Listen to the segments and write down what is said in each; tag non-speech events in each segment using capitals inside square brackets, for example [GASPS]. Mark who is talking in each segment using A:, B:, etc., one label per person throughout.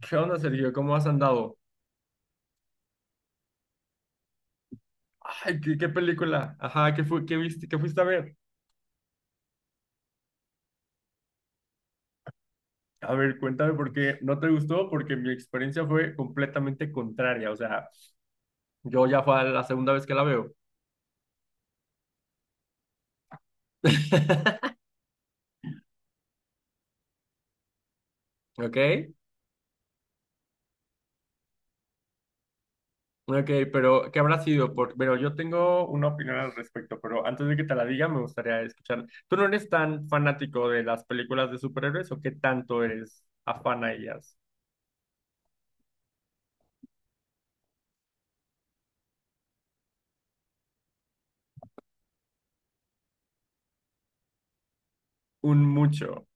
A: ¿Qué onda, Sergio? ¿Cómo has andado? Ay, ¿qué película? Ajá, ¿qué fue, qué viste, qué fuiste a ver? A ver, cuéntame por qué no te gustó, porque mi experiencia fue completamente contraria. O sea, yo ya fue la segunda vez que la veo. [LAUGHS] ¿Ok? Ok, pero ¿qué habrá sido? Por... Pero yo tengo una opinión al respecto, pero antes de que te la diga, me gustaría escuchar. ¿Tú no eres tan fanático de las películas de superhéroes o qué tanto eres afán a ellas? Un mucho.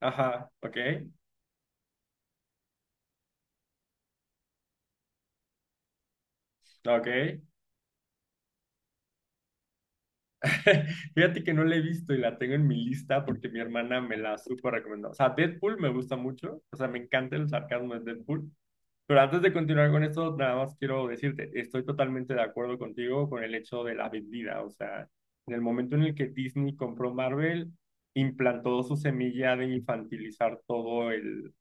A: Ajá, ok, ok. [LAUGHS] Fíjate que no la he visto y la tengo en mi lista porque mi hermana me la súper recomendó. O sea, Deadpool me gusta mucho. O sea, me encanta el sarcasmo de Deadpool. Pero antes de continuar con esto, nada más quiero decirte, estoy totalmente de acuerdo contigo con el hecho de la vendida. O sea, en el momento en el que Disney compró Marvel, implantó su semilla de infantilizar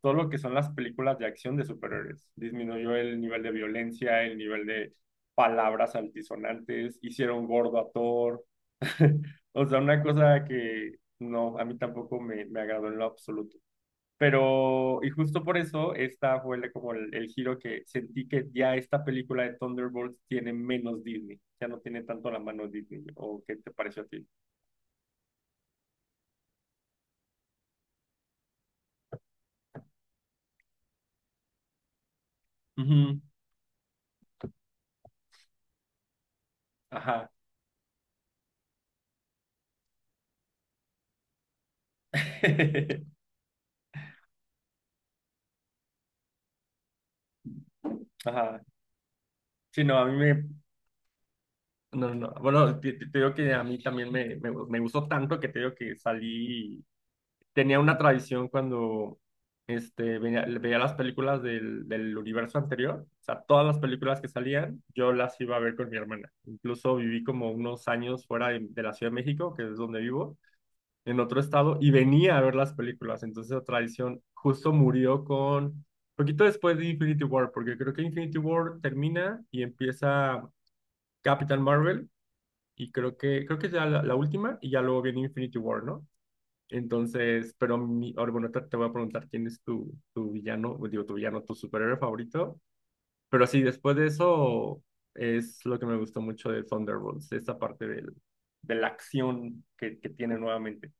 A: todo lo que son las películas de acción de superhéroes. Disminuyó el nivel de violencia, el nivel de palabras altisonantes, hicieron gordo a Thor. [LAUGHS] O sea, una cosa que no, a mí tampoco me agradó en lo absoluto. Pero, y justo por eso, como el giro que sentí que ya esta película de Thunderbolts tiene menos Disney, ya no tiene tanto la mano Disney, ¿o qué te pareció a ti? Ujú. Ajá. [LAUGHS] Ajá. Sí, no, a mí me... No, no, no. Bueno, te digo que a mí también me gustó tanto que te digo que salí, tenía una tradición cuando este, veía las películas del universo anterior, o sea, todas las películas que salían, yo las iba a ver con mi hermana. Incluso viví como unos años fuera de la Ciudad de México, que es donde vivo, en otro estado, y venía a ver las películas. Entonces la tradición justo murió con... Poquito después de Infinity War, porque creo que Infinity War termina y empieza Captain Marvel, y creo que es ya la última, y ya luego viene Infinity War, ¿no? Entonces, pero mi, ahora, bueno, te voy a preguntar quién es tu villano. Pues, digo, tu villano, tu superhéroe favorito. Pero sí, después de eso es lo que me gustó mucho de Thunderbolts, esa parte de la acción que tiene nuevamente.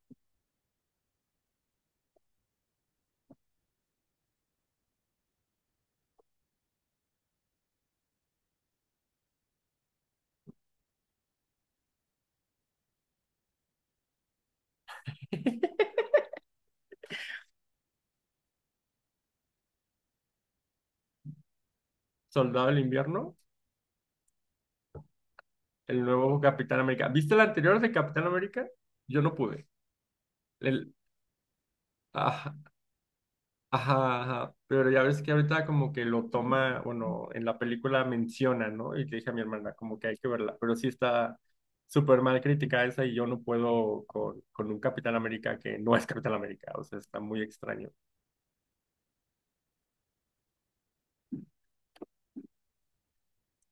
A: Soldado del Invierno, el nuevo Capitán América. ¿Viste el anterior de Capitán América? Yo no pude. El, ah, ajá, ajá, pero ya ves que ahorita como que lo toma, bueno, en la película menciona, ¿no? Y le dije a mi hermana, como que hay que verla, pero sí está súper mal crítica esa y yo no puedo con un Capitán América que no es Capitán América, o sea, está muy extraño.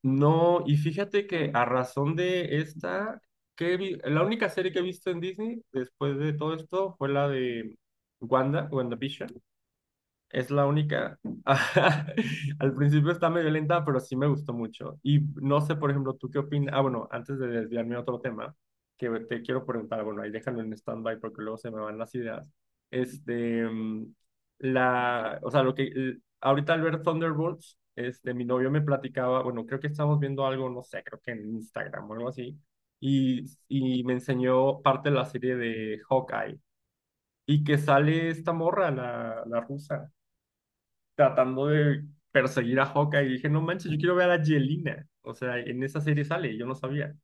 A: No, y fíjate que a razón de esta, la única serie que he visto en Disney después de todo esto fue la de Wanda, WandaVision. Es la única. [LAUGHS] Al principio está medio lenta, pero sí me gustó mucho. Y no sé, por ejemplo, tú qué opinas. Ah, bueno, antes de desviarme a otro tema, que te quiero preguntar, bueno, ahí déjalo en stand-by porque luego se me van las ideas. Este, la, o sea, ahorita al ver Thunderbolts, este, mi novio me platicaba, bueno, creo que estamos viendo algo, no sé, creo que en Instagram o algo así, y me enseñó parte de la serie de Hawkeye, y que sale esta morra, la rusa tratando de perseguir a Hawkeye y dije, no manches, yo quiero ver a Yelena. O sea, en esa serie sale, yo no sabía.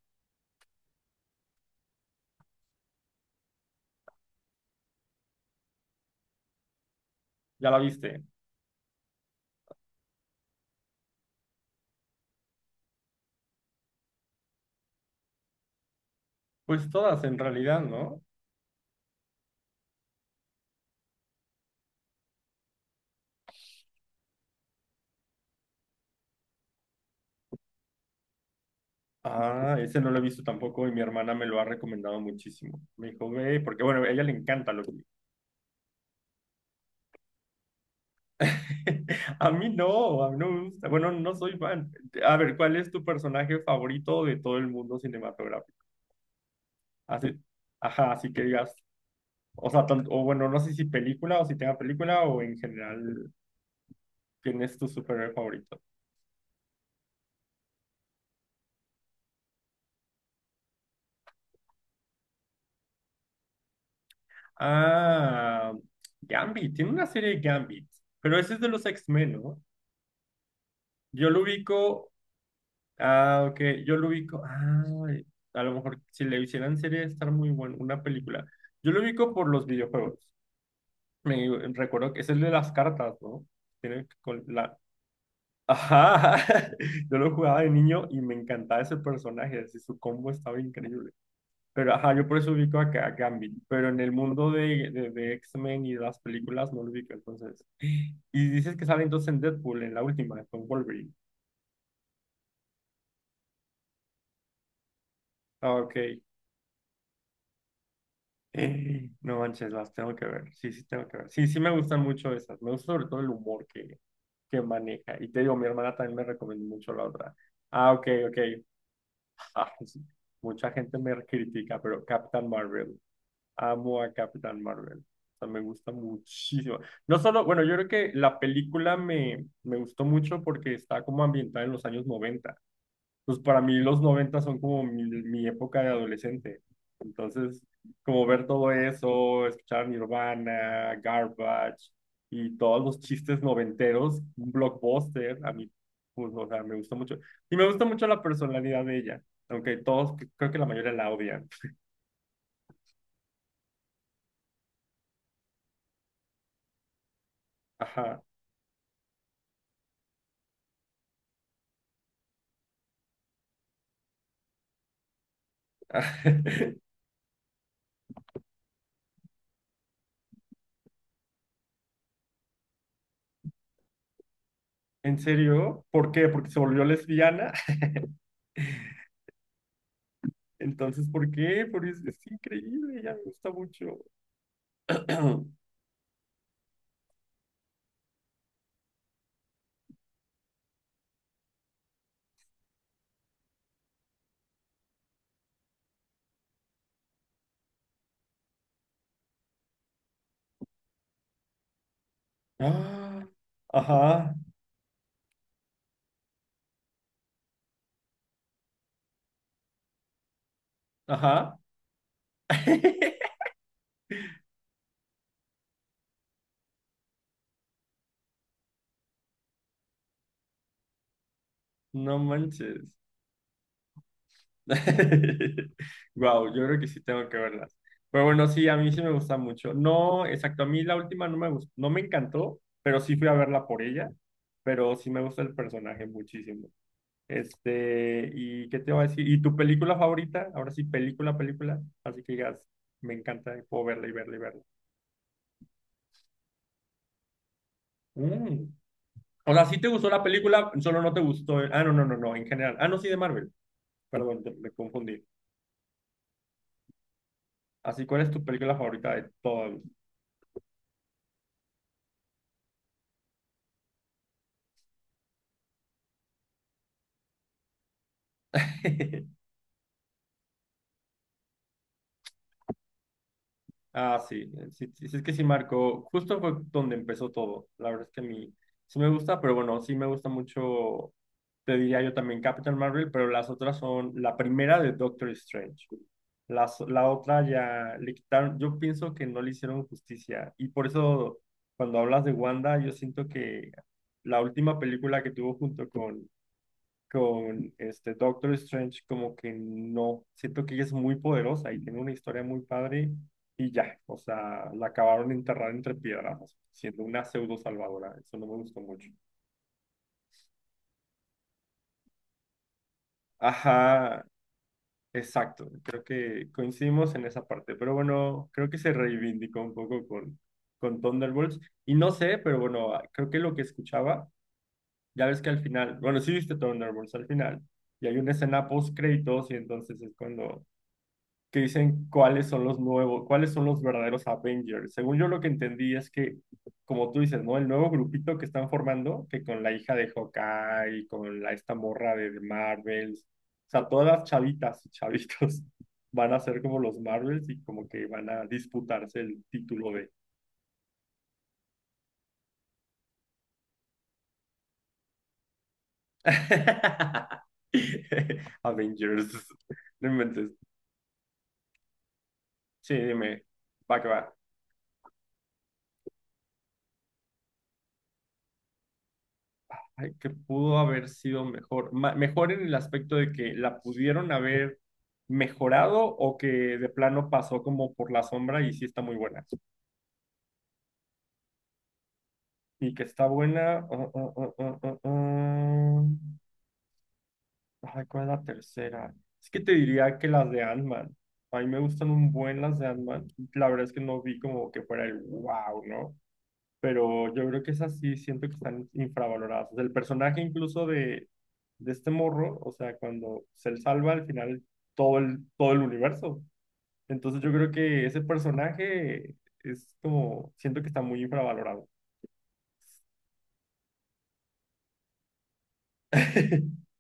A: ¿Ya la viste? Pues todas en realidad, ¿no? Ah, ese no lo he visto tampoco y mi hermana me lo ha recomendado muchísimo. Me dijo, ve, porque bueno, a ella le encanta lo que... [LAUGHS] a mí no me gusta. Bueno, no soy fan. A ver, ¿cuál es tu personaje favorito de todo el mundo cinematográfico? Así, ajá, así que digas, o sea, o bueno, no sé si película o si tenga película o en general, ¿quién es tu superhéroe favorito? Ah, Gambit, tiene una serie de Gambit, pero ese es de los X-Men, ¿no? Yo lo ubico, ah, ok, yo lo ubico, ah, a lo mejor si le hicieran serie estar muy bueno, una película. Yo lo ubico por los videojuegos. Me recuerdo que es el de las cartas, ¿no? Tiene con la... Ajá, [LAUGHS] yo lo jugaba de niño y me encantaba ese personaje, así su combo estaba increíble. Pero ajá, yo por eso ubico acá a Gambit, pero en el mundo de X-Men y de las películas no lo ubico, entonces. [GASPS] Y dices que sale entonces en Deadpool, en la última, con Wolverine. Ah, ok. [LAUGHS] No manches, las tengo que ver. Sí, sí, tengo que ver. Sí, sí, me gustan mucho esas. Me gusta sobre todo el humor que maneja. Y te digo, mi hermana también me recomendó mucho la otra. Ah, ok, ok. Ah, [LAUGHS] sí. Mucha gente me critica, pero Captain Marvel. Amo a Capitán Marvel. O sea, me gusta muchísimo. No solo, bueno, yo creo que la película me gustó mucho porque está como ambientada en los años 90. Pues para mí los 90 son como mi época de adolescente. Entonces, como ver todo eso, escuchar Nirvana, Garbage y todos los chistes noventeros, un blockbuster, a mí, pues, o sea, me gusta mucho. Y me gusta mucho la personalidad de ella, aunque todos, creo que la mayoría la odian. Ajá. [LAUGHS] ¿En serio? ¿Por qué? ¿Porque se volvió lesbiana? [LAUGHS] Entonces, ¿por qué? Porque es increíble, ella me gusta mucho. [CLEARS THROAT] Ah, ajá, ajá. [LAUGHS] No manches. [LAUGHS] Wow, yo creo que sí tengo que verlas. Pero bueno, sí, a mí sí me gusta mucho. No, exacto, a mí la última no me gustó, no me encantó, pero sí fui a verla por ella. Pero sí me gusta el personaje muchísimo. Este, ¿y qué te va a decir? ¿Y tu película favorita? Ahora sí, película, película. Así que digas, me encanta, y puedo verla y verla y verla. Mm. O sea, sí te gustó la película, solo no te gustó. Ah, no, no, no, no, en general. Ah, no, sí, de Marvel. Perdón, me confundí. Así, ¿cuál es tu película favorita de todas? [LAUGHS] Ah, sí, sí, sí, sí, es que sí marcó, justo fue donde empezó todo. La verdad es que a mí sí me gusta, pero bueno, sí me gusta mucho, te diría yo también Captain Marvel, pero las otras son la primera de Doctor Strange. Las, la otra ya le quitaron, yo pienso que no le hicieron justicia y por eso cuando hablas de Wanda, yo siento que la última película que tuvo junto con este Doctor Strange, como que no, siento que ella es muy poderosa y tiene una historia muy padre y ya, o sea, la acabaron de enterrar entre piedras, siendo una pseudo salvadora, eso no me gustó mucho. Ajá, exacto, creo que coincidimos en esa parte, pero bueno, creo que se reivindicó un poco con Thunderbolts y no sé, pero bueno, ah, creo que lo que escuchaba, ya ves que al final, bueno, sí viste Thunderbolts al final. Y hay una escena post créditos y entonces es cuando que dicen cuáles son los nuevos, cuáles son los verdaderos Avengers. Según yo lo que entendí es que, como tú dices, ¿no? El nuevo grupito que están formando, que con la hija de Hawkeye, con la, esta morra de Marvels, o sea, todas las chavitas y chavitos [LAUGHS] van a ser como los Marvels y como que van a disputarse el título de [LAUGHS] Avengers. No inventes. Sí, dime, va que va. Ay, que pudo haber sido mejor. Mejor en el aspecto de que la pudieron haber mejorado o que de plano pasó como por la sombra y sí está muy buena. Y que está buena. Ay, ¿cuál es la tercera? Es que te diría que las de Ant-Man. A mí me gustan un buen las de Ant-Man. La verdad es que no vi como que fuera el wow, ¿no? Pero yo creo que esas sí siento que están infravaloradas. O sea, el personaje incluso de este morro, o sea, cuando se le salva al final todo el universo. Entonces yo creo que ese personaje es como, siento que está muy infravalorado. [LAUGHS]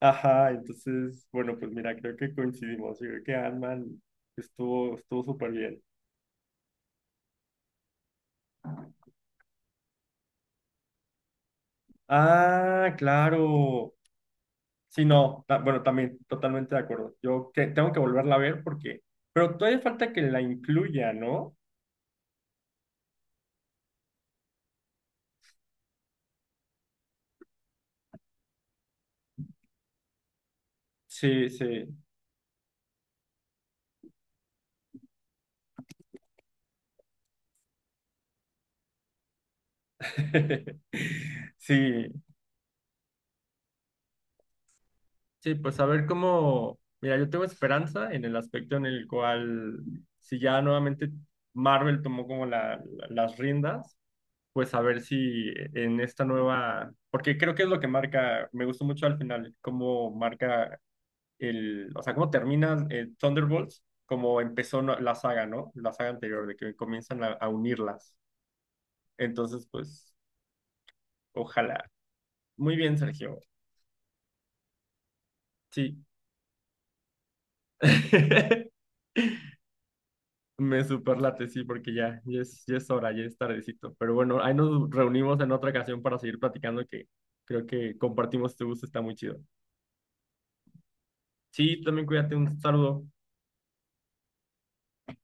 A: Ajá, entonces, bueno, pues mira, creo que coincidimos. Yo creo que Ant-Man estuvo súper bien. Ah, claro. Sí, no, bueno, también, totalmente de acuerdo. Tengo que volverla a ver porque, pero todavía falta que la incluya, ¿no? Sí, sí. [LAUGHS] Sí, sí, pues a ver cómo, mira, yo tengo esperanza en el aspecto en el cual, si ya nuevamente Marvel tomó como las riendas, pues a ver si en esta nueva, porque creo que es lo que marca, me gustó mucho al final, cómo marca el, o sea, cómo termina Thunderbolts, como empezó la saga, ¿no? La saga anterior, de que comienzan a unirlas. Entonces, pues, ojalá. Muy bien, Sergio. Sí. [LAUGHS] Me superlate, sí, porque ya es hora, ya es tardecito. Pero bueno, ahí nos reunimos en otra ocasión para seguir platicando que creo que compartimos este gusto, está muy chido. Sí, también cuídate, un saludo.